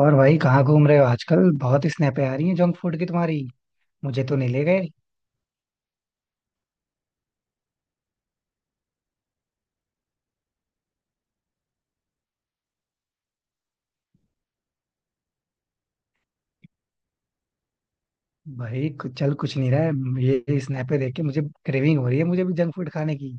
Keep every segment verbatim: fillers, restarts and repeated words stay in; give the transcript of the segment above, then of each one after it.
और भाई कहाँ घूम रहे हो आजकल? बहुत स्नैपें आ रही हैं जंक फूड की तुम्हारी. मुझे तो नहीं ले गए. भाई कुछ चल कुछ नहीं रहा है. ये स्नैपें देख के मुझे क्रेविंग हो रही है, मुझे भी जंक फूड खाने की.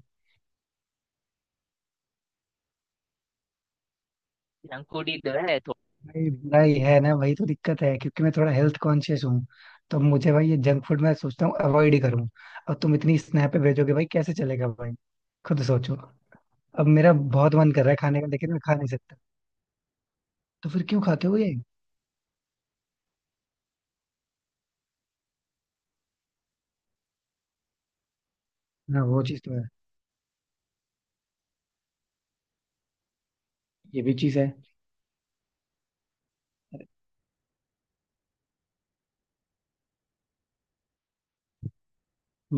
जंक फूड ही तो है थोड़ा भाई, बुरा ही है ना, वही तो दिक्कत है क्योंकि मैं थोड़ा हेल्थ कॉन्शियस हूँ. तो मुझे भाई ये जंक फूड मैं सोचता हूँ अवॉइड ही करूँ. और तुम इतनी स्नैपें भेजोगे भाई, कैसे चलेगा भाई? खुद सोचो. अब मेरा बहुत मन कर रहा है खाने का लेकिन मैं खा नहीं सकता. तो फिर क्यों खाते हो ये? हाँ, वो चीज़ तो है. ये भी चीज़ है.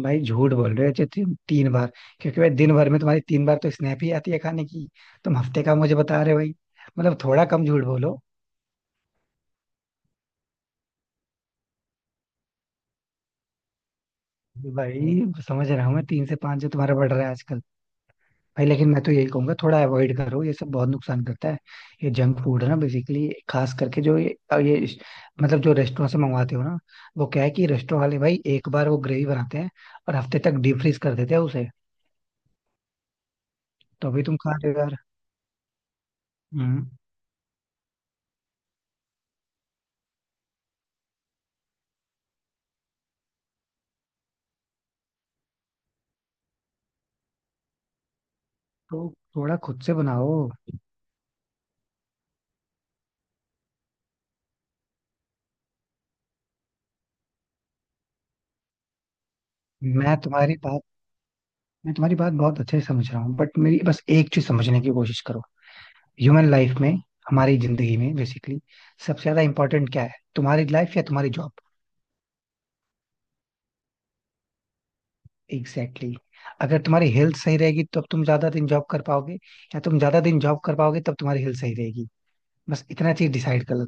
भाई झूठ बोल रहे हो जो तुम तीन बार, क्योंकि भाई दिन भर में तुम्हारी तीन बार तो स्नैप ही आती है खाने की. तुम हफ्ते का मुझे बता रहे हो भाई. मतलब थोड़ा कम झूठ बोलो. भाई समझ रहा हूँ मैं, तीन से पांच जो तुम्हारा बढ़ रहा है आजकल. भाई लेकिन मैं तो यही कहूंगा, थोड़ा अवॉइड करो, ये सब बहुत नुकसान करता है. ये जंक फूड है ना, बेसिकली खास करके जो ये ये इस- मतलब जो रेस्टोरेंट से मंगवाते हो ना, वो क्या है कि रेस्टोरेंट वाले भाई एक बार वो ग्रेवी बनाते हैं और हफ्ते तक डीप फ्रीज कर देते हैं उसे. तो अभी तुम खा रहे हो यार. हम्म. तो थोड़ा खुद से बनाओ. मैं तुम्हारी बात मैं तुम्हारी बात बहुत अच्छे से समझ रहा हूँ बट मेरी बस एक चीज समझने की कोशिश करो. ह्यूमन लाइफ में, हमारी जिंदगी में बेसिकली सबसे ज्यादा इंपॉर्टेंट क्या है, तुम्हारी लाइफ या तुम्हारी जॉब? Exactly exactly. अगर तुम्हारी हेल्थ सही रहेगी तब तुम ज्यादा दिन जॉब कर पाओगे, या तुम ज्यादा दिन जॉब कर पाओगे तब तुम्हारी हेल्थ सही रहेगी. बस इतना चीज डिसाइड कर लो.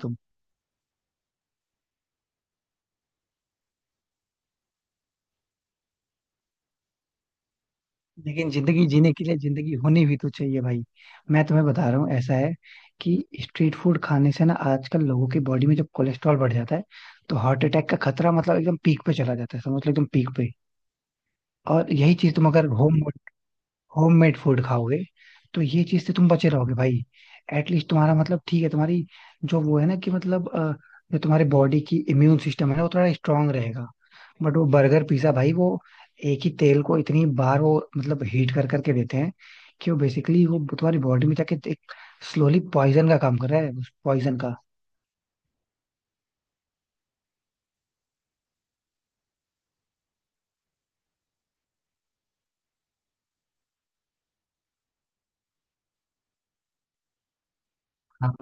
लेकिन जिंदगी जीने के लिए जिंदगी होनी भी तो चाहिए भाई. मैं तुम्हें बता रहा हूँ, ऐसा है कि स्ट्रीट फूड खाने से ना आजकल लोगों की बॉडी में जब कोलेस्ट्रॉल बढ़ जाता है तो हार्ट अटैक का खतरा मतलब एकदम पीक पे चला जाता है, समझ लो एकदम पीक पे. और यही चीज तुम अगर होम होममेड फूड खाओगे तो ये चीज से तुम बचे रहोगे भाई. एटलीस्ट तुम्हारा मतलब ठीक है, तुम्हारी जो वो है ना कि मतलब अ, जो तुम्हारे बॉडी की इम्यून सिस्टम है ना वो थोड़ा स्ट्रांग रहेगा. बट वो बर्गर पिज्जा भाई, वो एक ही तेल को इतनी बार वो मतलब हीट कर करके देते हैं कि वो बेसिकली वो तुम्हारी बॉडी में जाके एक स्लोली पॉइजन का काम कर रहा है, पॉइजन का. हाँ.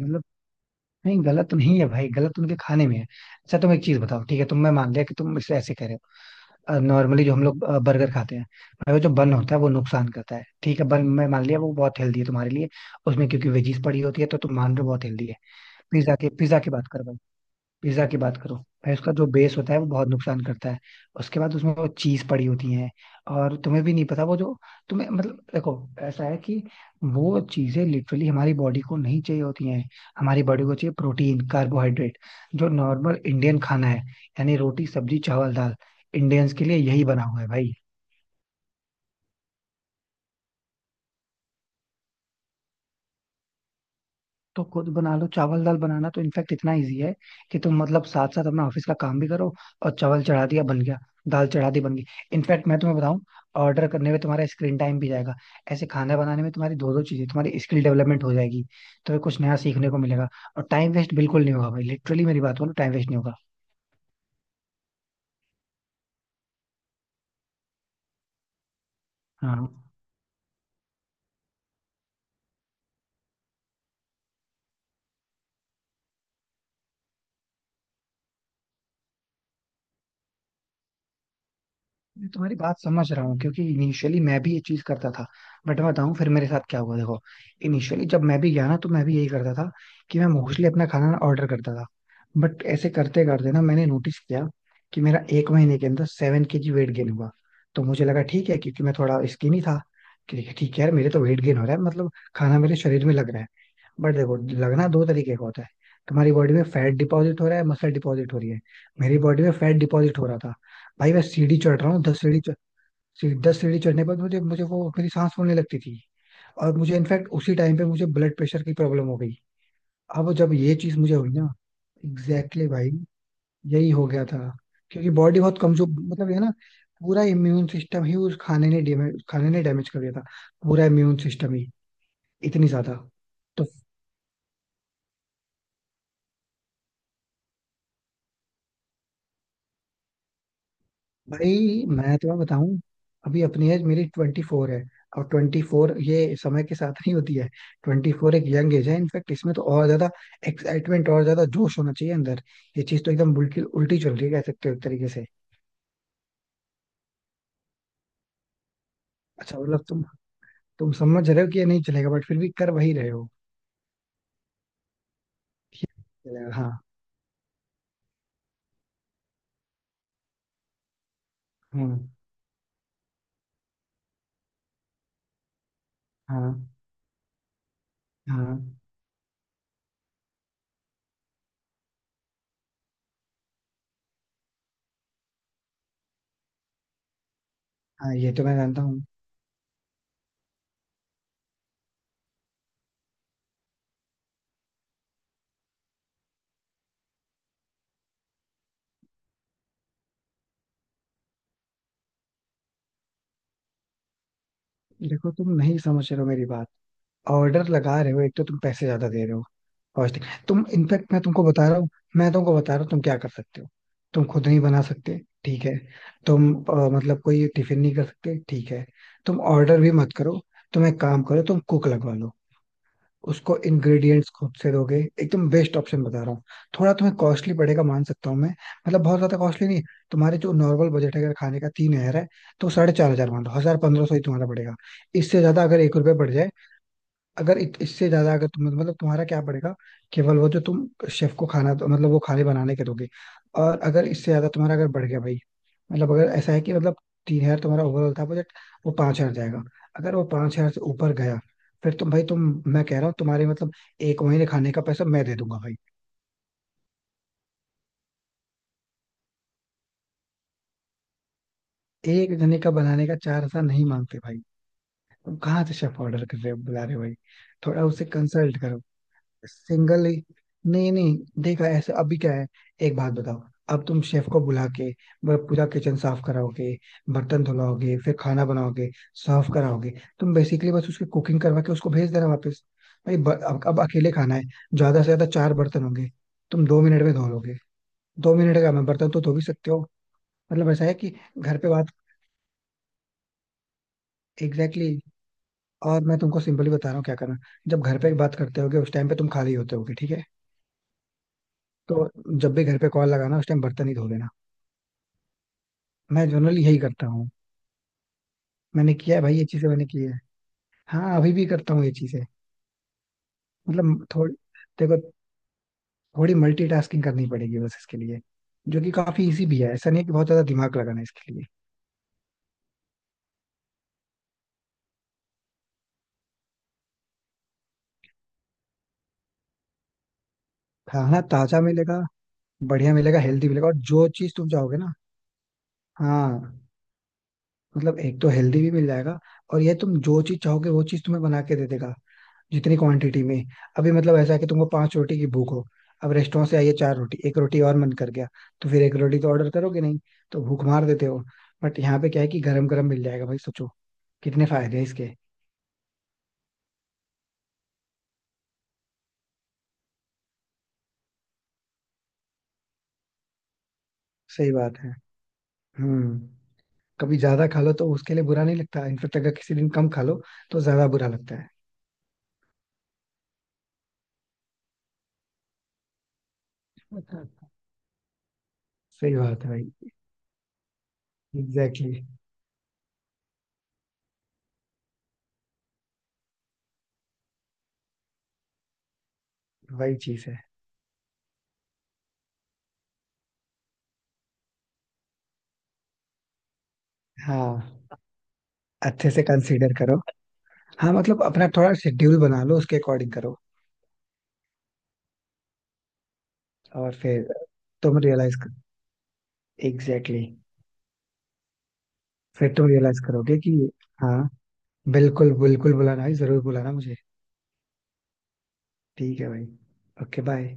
मतलब नहीं, गलत तो नहीं है भाई, गलत उनके खाने में है. अच्छा तुम एक चीज बताओ, ठीक है तुम, मैं मान लिया कि तुम इसे ऐसे कह रहे हो. नॉर्मली जो हम लोग बर्गर खाते हैं भाई, वो जो बन होता है वो नुकसान करता है. ठीक है बन मैं मान लिया वो बहुत हेल्दी है तुम्हारे लिए, उसमें क्योंकि वेजीज पड़ी होती है तो तुम मान रहे हो बहुत हेल्दी है. पिज्जा के, पिज्जा की बात करो भाई, पिज्जा की बात करो. भाई उसका जो बेस होता है वो बहुत नुकसान करता है. उसके बाद उसमें वो चीज पड़ी होती है, और तुम्हें भी नहीं पता वो जो, तुम्हें मतलब देखो, ऐसा है कि वो चीजें लिटरली हमारी बॉडी को नहीं चाहिए होती हैं. हमारी बॉडी को चाहिए प्रोटीन, कार्बोहाइड्रेट, जो नॉर्मल इंडियन खाना है, यानी रोटी सब्जी चावल दाल. इंडियंस के लिए यही बना हुआ है भाई. तो खुद बना लो. चावल दाल बनाना तो इनफैक्ट इतना इजी है कि तुम मतलब साथ साथ अपना ऑफिस का काम भी करो, और चावल चढ़ा दिया बन गया, दाल चढ़ा दी बन गई. इनफैक्ट मैं तुम्हें बताऊं, ऑर्डर करने में तुम्हारा स्क्रीन टाइम भी जाएगा, ऐसे खाना बनाने में तुम्हारी दो दो चीजें, तुम्हारी स्किल डेवलपमेंट हो जाएगी, तुम्हें कुछ नया सीखने को मिलेगा, और टाइम वेस्ट बिल्कुल नहीं होगा भाई, लिटरली मेरी बात बोलो, टाइम वेस्ट नहीं होगा. हाँ. मैं तुम्हारी बात समझ रहा हूँ, क्योंकि इनिशियली मैं भी ये चीज करता था. बट मैं बताऊँ फिर मेरे साथ क्या हुआ, देखो, इनिशियली जब मैं भी गया ना तो मैं भी यही करता था कि मैं मोस्टली अपना खाना ना ऑर्डर करता था. बट ऐसे करते करते ना मैंने नोटिस किया कि मेरा एक महीने के अंदर सेवन केजी वेट गेन हुआ. तो मुझे लगा ठीक है, क्योंकि मैं थोड़ा स्किनी था. ठीक है ठीक है यार, मेरे तो वेट गेन हो रहा है, मतलब खाना मेरे शरीर में लग रहा है. बट देखो, लगना दो तरीके का होता है. तुम्हारी बॉडी में फैट डिपॉजिट हो रहा है, मसल डिपॉजिट हो रही है. मेरी बॉडी में फैट डिपॉजिट हो रहा था. भाई मैं सीढ़ी चढ़ रहा हूँ, दस सीढ़ी चढ़ सीढ़ी दस सीढ़ी चढ़ने पर मुझे मुझे वो मेरी सांस फूलने लगती थी. और मुझे इनफैक्ट उसी टाइम पे मुझे ब्लड प्रेशर की प्रॉब्लम हो गई. अब जब ये चीज मुझे हुई ना, एग्जैक्टली exactly भाई, यही हो गया था. क्योंकि बॉडी बहुत कमजोर, मतलब ये ना पूरा इम्यून सिस्टम ही उस खाने ने डैमेज खाने ने डैमेज कर दिया था, पूरा इम्यून सिस्टम ही. इतनी ज्यादा. तो भाई मैं तुम्हें बताऊं, अभी अपनी एज मेरी ट्वेंटी फोर है, और ट्वेंटी फोर ये समय के साथ नहीं होती है. ट्वेंटी फोर एक यंग एज है, इनफैक्ट इसमें तो और ज्यादा एक्साइटमेंट, और ज्यादा जोश होना चाहिए अंदर. ये चीज तो एकदम बिल्कुल उल्टी चल रही है कह सकते हो एक तरीके से. अच्छा मतलब तुम तुम समझ रहे हो कि ये नहीं चलेगा बट फिर भी कर वही रहे हो? ये चलेगा, हाँ. हम्म. हाँ. हाँ. हाँ ये तो मैं जानता हूँ. देखो तुम नहीं समझ रहे हो मेरी बात. ऑर्डर लगा रहे हो, एक तो तुम पैसे ज्यादा दे रहे हो, पॉजिटिव तुम, इनफैक्ट मैं तुमको बता रहा हूँ. मैं तुमको बता रहा हूँ तुम क्या कर सकते हो. तुम खुद नहीं बना सकते ठीक है, तुम अ, मतलब कोई टिफिन नहीं कर सकते ठीक है, तुम ऑर्डर भी मत करो. तुम एक काम करो, तुम कुक लगवा लो. उसको इंग्रेडिएंट्स खुद से दोगे. एकदम बेस्ट ऑप्शन बता रहा हूँ. थोड़ा तुम्हें कॉस्टली पड़ेगा, मान सकता हूँ मैं, मतलब बहुत ज्यादा कॉस्टली नहीं. तुम्हारे जो नॉर्मल बजट है अगर खाने का तीन हजार है, तो साढ़े चार हजार मान लो, हजार पंद्रह सौ ही तुम्हारा पड़ेगा. इससे ज्यादा अगर एक रुपये बढ़ जाए, अगर इत, इससे ज्यादा अगर तुम मतलब तुम्हारा क्या पड़ेगा, केवल वो जो तुम शेफ को खाना दो, मतलब वो खाने बनाने के दोगे. और अगर इससे ज्यादा तुम्हारा अगर बढ़ गया भाई, मतलब अगर ऐसा है कि मतलब तीन हजार तुम्हारा ओवरऑल था बजट, वो पांच हजार जाएगा, अगर वो पांच हजार से ऊपर गया, फिर तुम भाई तुम, मैं कह रहा हूँ तुम्हारे मतलब एक महीने खाने का पैसा मैं दे दूंगा भाई. एक जने का बनाने का चार हजार नहीं मांगते भाई, तुम कहाँ से शेफ ऑर्डर कर रहे हो, बुला रहे हो भाई? थोड़ा उससे कंसल्ट, सिंगल ही, नहीं नहीं. देखा ऐसे अभी क्या है, एक बात बताओ, अब तुम शेफ को बुला के वो पूरा किचन साफ कराओगे, बर्तन धुलाओगे, फिर खाना बनाओगे, सर्व कराओगे? तुम बेसिकली बस उसकी कुकिंग करवा के उसको भेज देना वापस. भाई ब, अब, अब अकेले खाना है, ज्यादा से ज्यादा चार बर्तन होंगे, तुम दो मिनट में धो लोगे. दो मिनट का, मैं बर्तन तो धो भी सकते हो. मतलब ऐसा है कि घर पे बात, एग्जैक्टली exactly, और मैं तुमको सिंपली बता रहा हूँ क्या करना. जब घर पे बात करते होगे उस टाइम पे तुम खाली होते होगे ठीक है, तो जब भी घर पे कॉल लगाना उस टाइम बर्तन ही धो लेना. मैं जनरली यही करता हूँ. मैंने किया है भाई, ये चीजें मैंने की है. हाँ अभी भी करता हूँ ये चीजें. मतलब थोड़ी, देखो, थोड़ी मल्टीटास्किंग करनी पड़ेगी बस इसके लिए, जो कि काफी इजी भी है, ऐसा नहीं है कि बहुत ज्यादा दिमाग लगाना है इसके लिए. खाना ताजा मिलेगा, बढ़िया मिलेगा, हेल्दी मिलेगा, और जो चीज तुम चाहोगे ना. हाँ. मतलब एक तो हेल्दी भी मिल जाएगा, और ये तुम जो चीज चाहोगे वो चीज तुम्हें बना के दे देगा, जितनी क्वांटिटी में. अभी मतलब ऐसा है कि तुमको पांच रोटी की भूख हो, अब रेस्टोरेंट से आई है चार रोटी, एक रोटी और मन कर गया, तो फिर एक रोटी तो ऑर्डर करोगे नहीं, तो भूख मार देते हो. बट यहाँ पे क्या है कि गरम गरम मिल जाएगा भाई, सोचो कितने फायदे हैं इसके. सही बात है. हम्म. कभी ज्यादा खा लो तो उसके लिए बुरा नहीं लगता, इनफेक्ट अगर किसी दिन कम खा लो तो ज्यादा बुरा लगता है. अच्छा. सही बात है भाई. Exactly exactly. वही चीज है. हाँ. अच्छे से कंसीडर करो. हाँ मतलब अपना थोड़ा शेड्यूल बना लो, उसके अकॉर्डिंग करो. और फिर तुम रियलाइज कर, एग्जैक्टली exactly. फिर तुम रियलाइज करोगे कि, हाँ, बिल्कुल बिल्कुल बुलाना भाई, जरूर बुलाना मुझे. ठीक है भाई. Okay bye.